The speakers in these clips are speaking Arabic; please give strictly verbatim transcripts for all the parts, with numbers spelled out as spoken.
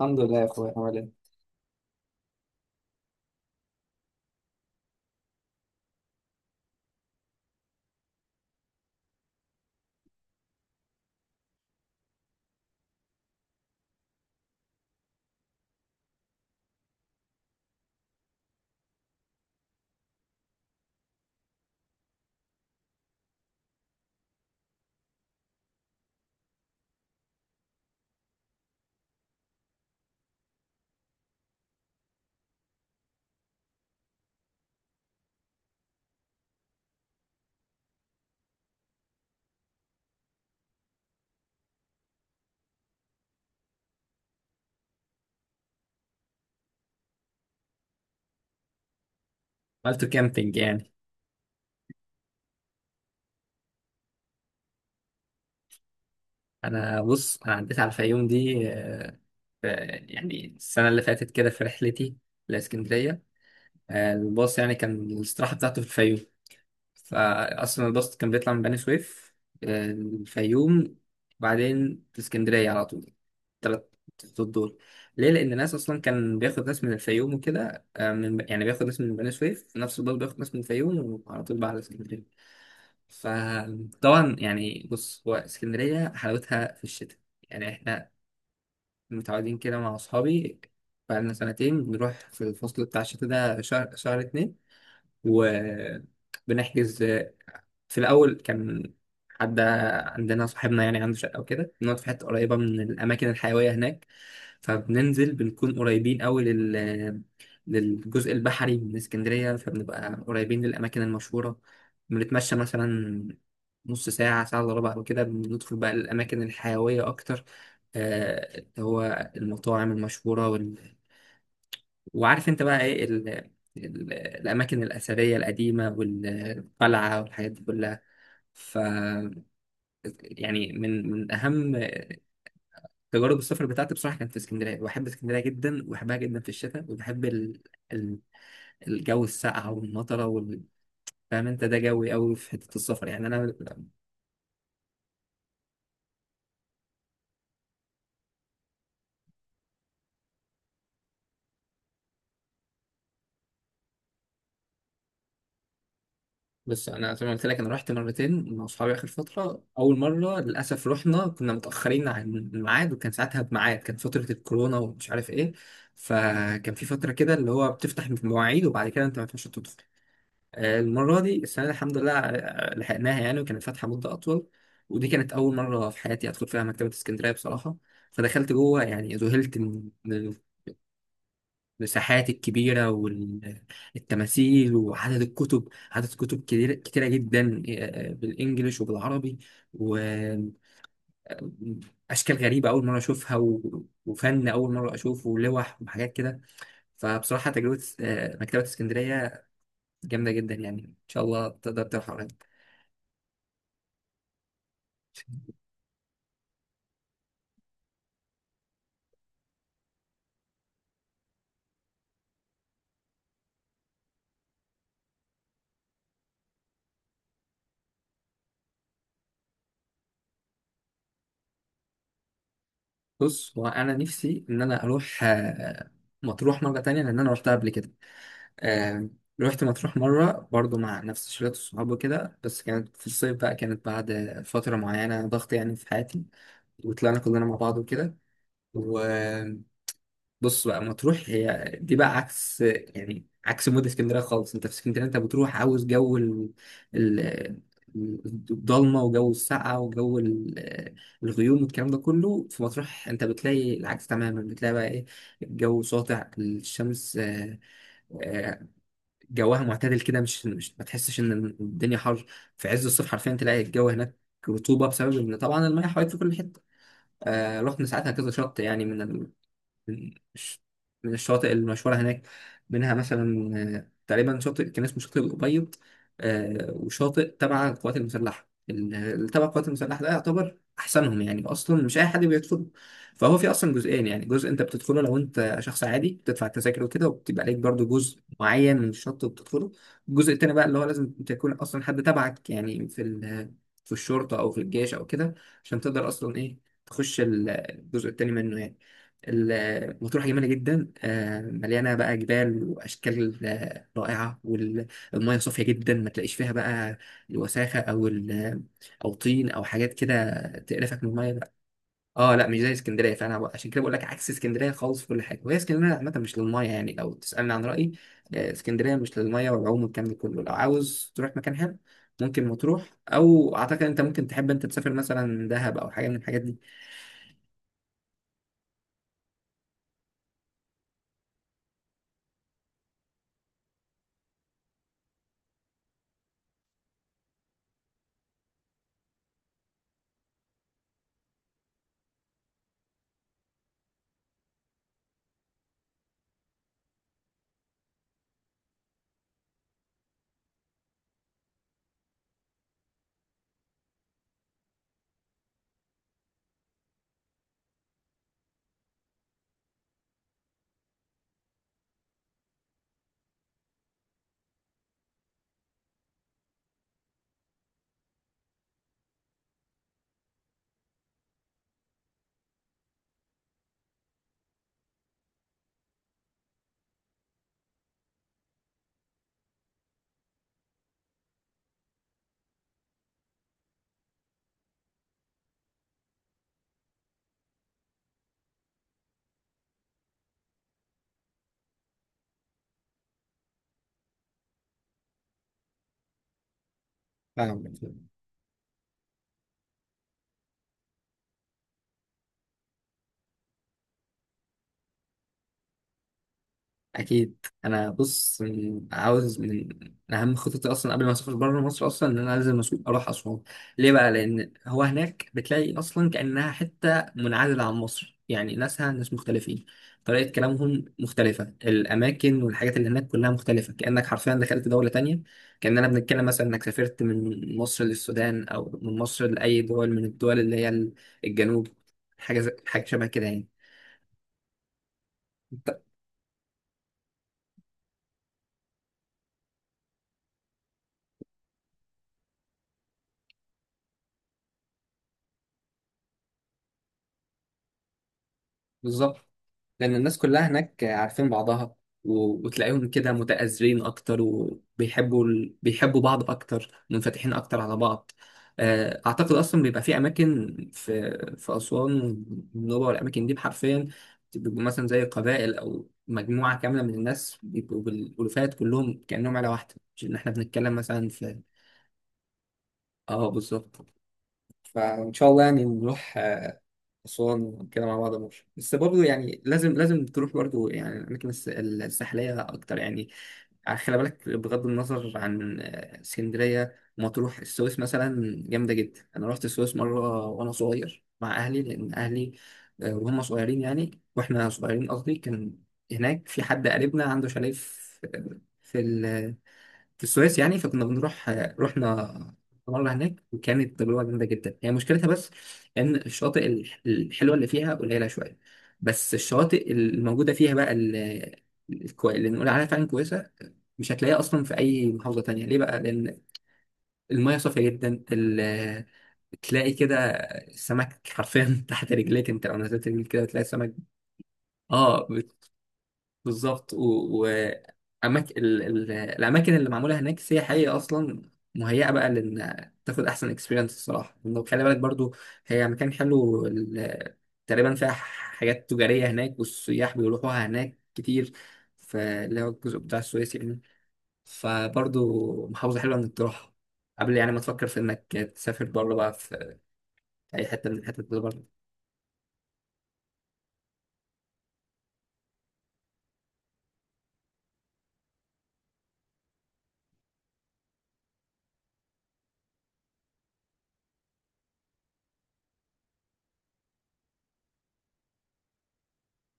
الحمد لله يا اخويا. عامل ايه؟ عملت كامبينج يعني؟ انا بص انا عديت على الفيوم دي. آه، في يعني السنه اللي فاتت كده في رحلتي لاسكندريه. آه، الباص يعني كان الاستراحه بتاعته في الفيوم، فاصلا الباص كان بيطلع من بني سويف، آه، الفيوم، بعدين اسكندريه على طول. تلات خطوط دول. ليه؟ لان الناس اصلا كان بياخد ناس من الفيوم وكده، آه، من يعني بياخد ناس من بني سويف في نفس الباص، بياخد ناس من الفيوم وعلى طول بقى على اسكندريه. فطبعا يعني بص، هو اسكندرية حلاوتها في الشتاء. يعني احنا متعودين كده مع أصحابي بقالنا سنتين بنروح في الفصل بتاع الشتاء ده، شهر، شهر اتنين، وبنحجز. في الأول كان حد عندنا، صاحبنا يعني عنده شقة وكده، بنقعد في حتة قريبة من الأماكن الحيوية هناك. فبننزل بنكون قريبين أوي لل... للجزء البحري من اسكندرية، فبنبقى قريبين للأماكن المشهورة. بنتمشى مثلا نص ساعة، ساعة إلا ربع وكده، بندخل بقى الأماكن الحيوية أكتر. آه، اللي هو المطاعم المشهورة وال... وعارف أنت بقى إيه، ال... ال- الأماكن الأثرية القديمة والقلعة والحاجات دي كلها. ف يعني من من اهم تجارب السفر بتاعتي بصراحه كانت في اسكندريه. بحب اسكندريه جدا، وبحبها جدا في الشتاء، وبحب ال... ال... الجو الساقع والمطره وال... فاهم انت، ده جوي قوي في حته السفر يعني انا. بص، انا زي ما قلت لك، انا رحت مرتين مع اصحابي اخر فتره. اول مره للاسف رحنا كنا متاخرين عن الميعاد، وكان ساعتها بميعاد، كان فتره الكورونا ومش عارف ايه. فكان في فتره كده اللي هو بتفتح المواعيد وبعد كده انت ما ينفعش تدخل. آه، المرة دي السنة دي الحمد لله، آه، آه، لحقناها يعني وكانت فاتحة مدة أطول. ودي كانت أول مرة في حياتي أدخل فيها مكتبة اسكندرية بصراحة. فدخلت جوه، يعني ذهلت من من المساحات الكبيرة والتماثيل وعدد الكتب. عدد كتب كتيرة كتيرة جدا، آه، آه، بالإنجليش وبالعربي، وأشكال غريبة أول مرة أشوفها و- وفن أول مرة أشوفه، ولوح وحاجات كده. فبصراحة تجربة آه، مكتبة اسكندرية جامدة جدا، يعني إن شاء الله تقدر تروح قريب. بص، هو انا نفسي ان انا اروح آه، مطروح مره تانية، لان انا روحتها قبل كده. آه، روحت مطروح مره برضو مع نفس شلة الصحاب وكده، بس كانت في الصيف بقى، كانت بعد فتره معينه ضغط يعني في حياتي، وطلعنا كلنا مع بعض وكده. بص بقى، مطروح هي دي بقى عكس، يعني عكس مود اسكندريه خالص. انت في اسكندريه انت بتروح عاوز جو ال- ال- الضلمه وجو السقعه وجو ال- الغيوم والكلام ده كله. في مطروح انت بتلاقي العكس تماما، بتلاقي بقى ايه، الجو ساطع الشمس، آه، آه، جوها معتدل كده، مش مش ما تحسش ان الدنيا حر. في عز الصيف حرفيا تلاقي الجو هناك رطوبه، بسبب ان طبعا المياه حواليك في كل حته. آه، رحنا ساعتها كذا شط، يعني من من الش- من الشواطئ المشهورة هناك. منها مثلا آه، تقريبا شاطئ كان اسمه شاطئ الأبيض، آه، وشاطئ تبع القوات المسلحة. ال- اللي تبع القوات المسلحة ده يعتبر أحسنهم، يعني أصلا مش أي حد بيدخله. فهو في أصلا جزئين، يعني جزء أنت بتدخله لو أنت شخص عادي بتدفع التذاكر وكده، وبتبقى عليك برضو جزء معين من الشط بتدخله. الجزء التاني بقى اللي هو لازم تكون أصلا حد تبعك يعني في ال- في الشرطة أو في الجيش أو كده، عشان تقدر أصلا إيه تخش ال- الجزء التاني منه يعني. ال- مطروح جميلة جدا، آه، مليانة بقى جبال وأشكال آه، رائعة، والمياه صافية جدا، ما تلاقيش فيها بقى الوساخة أو ال- أو طين أو حاجات كده تقرفك من المية لا. اه لا، مش زي اسكندرية. فأنا بقى، عشان كده بقول لك عكس اسكندرية خالص في كل حاجة. وهي اسكندرية عامة مش للمية، يعني لو تسألني عن رأيي، آه، اسكندرية مش للمية والعوم والكلام ده كله. لو عاوز تروح مكان حلو ممكن مطروح، أو أعتقد أنت ممكن تحب أنت تسافر مثلا دهب أو حاجة من الحاجات دي. آه. اكيد. انا بص من- عاوز من من اهم خططي اصلا قبل ما اسافر بره مصر، اصلا ان انا لازم أسو- اروح اسوان. ليه بقى؟ لان هو هناك بتلاقي اصلا كانها حته منعزله عن مصر، يعني ناسها ناس مختلفين، طريقه كلامهم مختلفه، الاماكن والحاجات اللي هناك كلها مختلفه، كانك حرفيا دخلت دوله تانية. كاننا بنتكلم مثلا انك سافرت من مصر للسودان، او من مصر لاي دول من الدول اللي هي الجنوب. حاجه زي- حاجه شبه كده يعني. بالظبط، لأن الناس كلها هناك عارفين بعضها، و- وتلاقيهم كده متآزرين أكتر، وبيحبوا ال... بيحبوا بعض أكتر، منفتحين أكتر على بعض. آه، أعتقد أصلا بيبقى في أماكن في في أسوان والنوبة والأماكن دي، حرفيا بيبقوا مثلا زي قبائل أو مجموعة كاملة من الناس، بيبقوا بالألوفات كلهم كأنهم عيلة واحدة، مش إن إحنا بنتكلم مثلا في. آه، بالظبط. فإن شاء الله يعني نروح آه، أسوان وكده مع بعض ماشي. بس برضه يعني لازم لازم تروح برضه يعني الأماكن الس- الساحلية أكتر يعني. آه، خلي بالك، بغض النظر عن آه، اسكندرية مطروح، السويس مثلا جامدة جدا. أنا رحت السويس مرة وأنا صغير مع أهلي، لأن أهلي آه، وهم صغيرين يعني، وإحنا صغيرين قصدي، كان هناك في حد قريبنا عنده شاليه في آه، في في السويس يعني، فكنا بنروح. رحنا مرة هناك وكانت تجربة جامدة جدا. هي مشكلتها بس إن الشواطئ الح- الحلوة اللي فيها قليلة شوية، بس الشواطئ الموجودة فيها بقى، ال- الكو- اللي نقول عليها فعلا كويسة، مش هتلاقيها أصلا في أي محافظة تانية. ليه بقى؟ لأن المياه صافية جدا، ال- تلاقي كده السمك حرفيا تحت رجليك. أنت لو نزلت رجلك كده تلاقي السمك. آه، بالظبط. وأماكن الأماكن اللي معمولة هناك سياحية أصلا، مهيئة بقى لأن تاخد أحسن اكسبيرينس الصراحة. لأنه خلي بالك برضو، هي مكان حلو ال- تقريبا فيها حاجات تجارية هناك، والسياح بيروحوها هناك كتير، فاللي هو الجزء بتاع السويس يعني. فبرضو محافظة حلوة إنك تروحها قبل يعني ما تفكر في إنك تسافر بره بقى في أي حتة من الحتت اللي بره. إن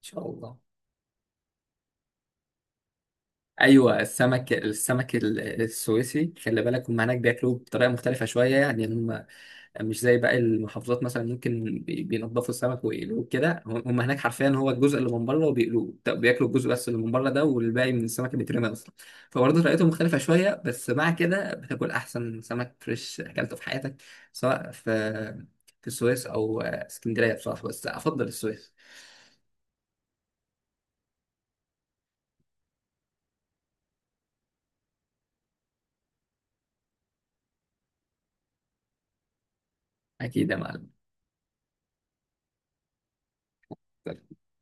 شاء الله. ايوه، السمك، السمك ال- السويسي خلي بالك، هم هناك بياكلوه بطريقه مختلفه شويه يعني. هم مش زي باقي المحافظات مثلا ممكن بي- بينضفوا السمك ويقلوه كده، هم هم هناك حرفيا هو الجزء اللي من بره وبيقلوه. طب بياكلوا الجزء بس اللي من بره ده، والباقي من السمك بيترمي اصلا. فبرضه طريقتهم مختلفه شويه، بس مع كده بتاكل احسن سمك فريش اكلته في حياتك، سواء في في السويس او آه، اسكندريه بصراحه، بس افضل السويس. اكيد يا معلم.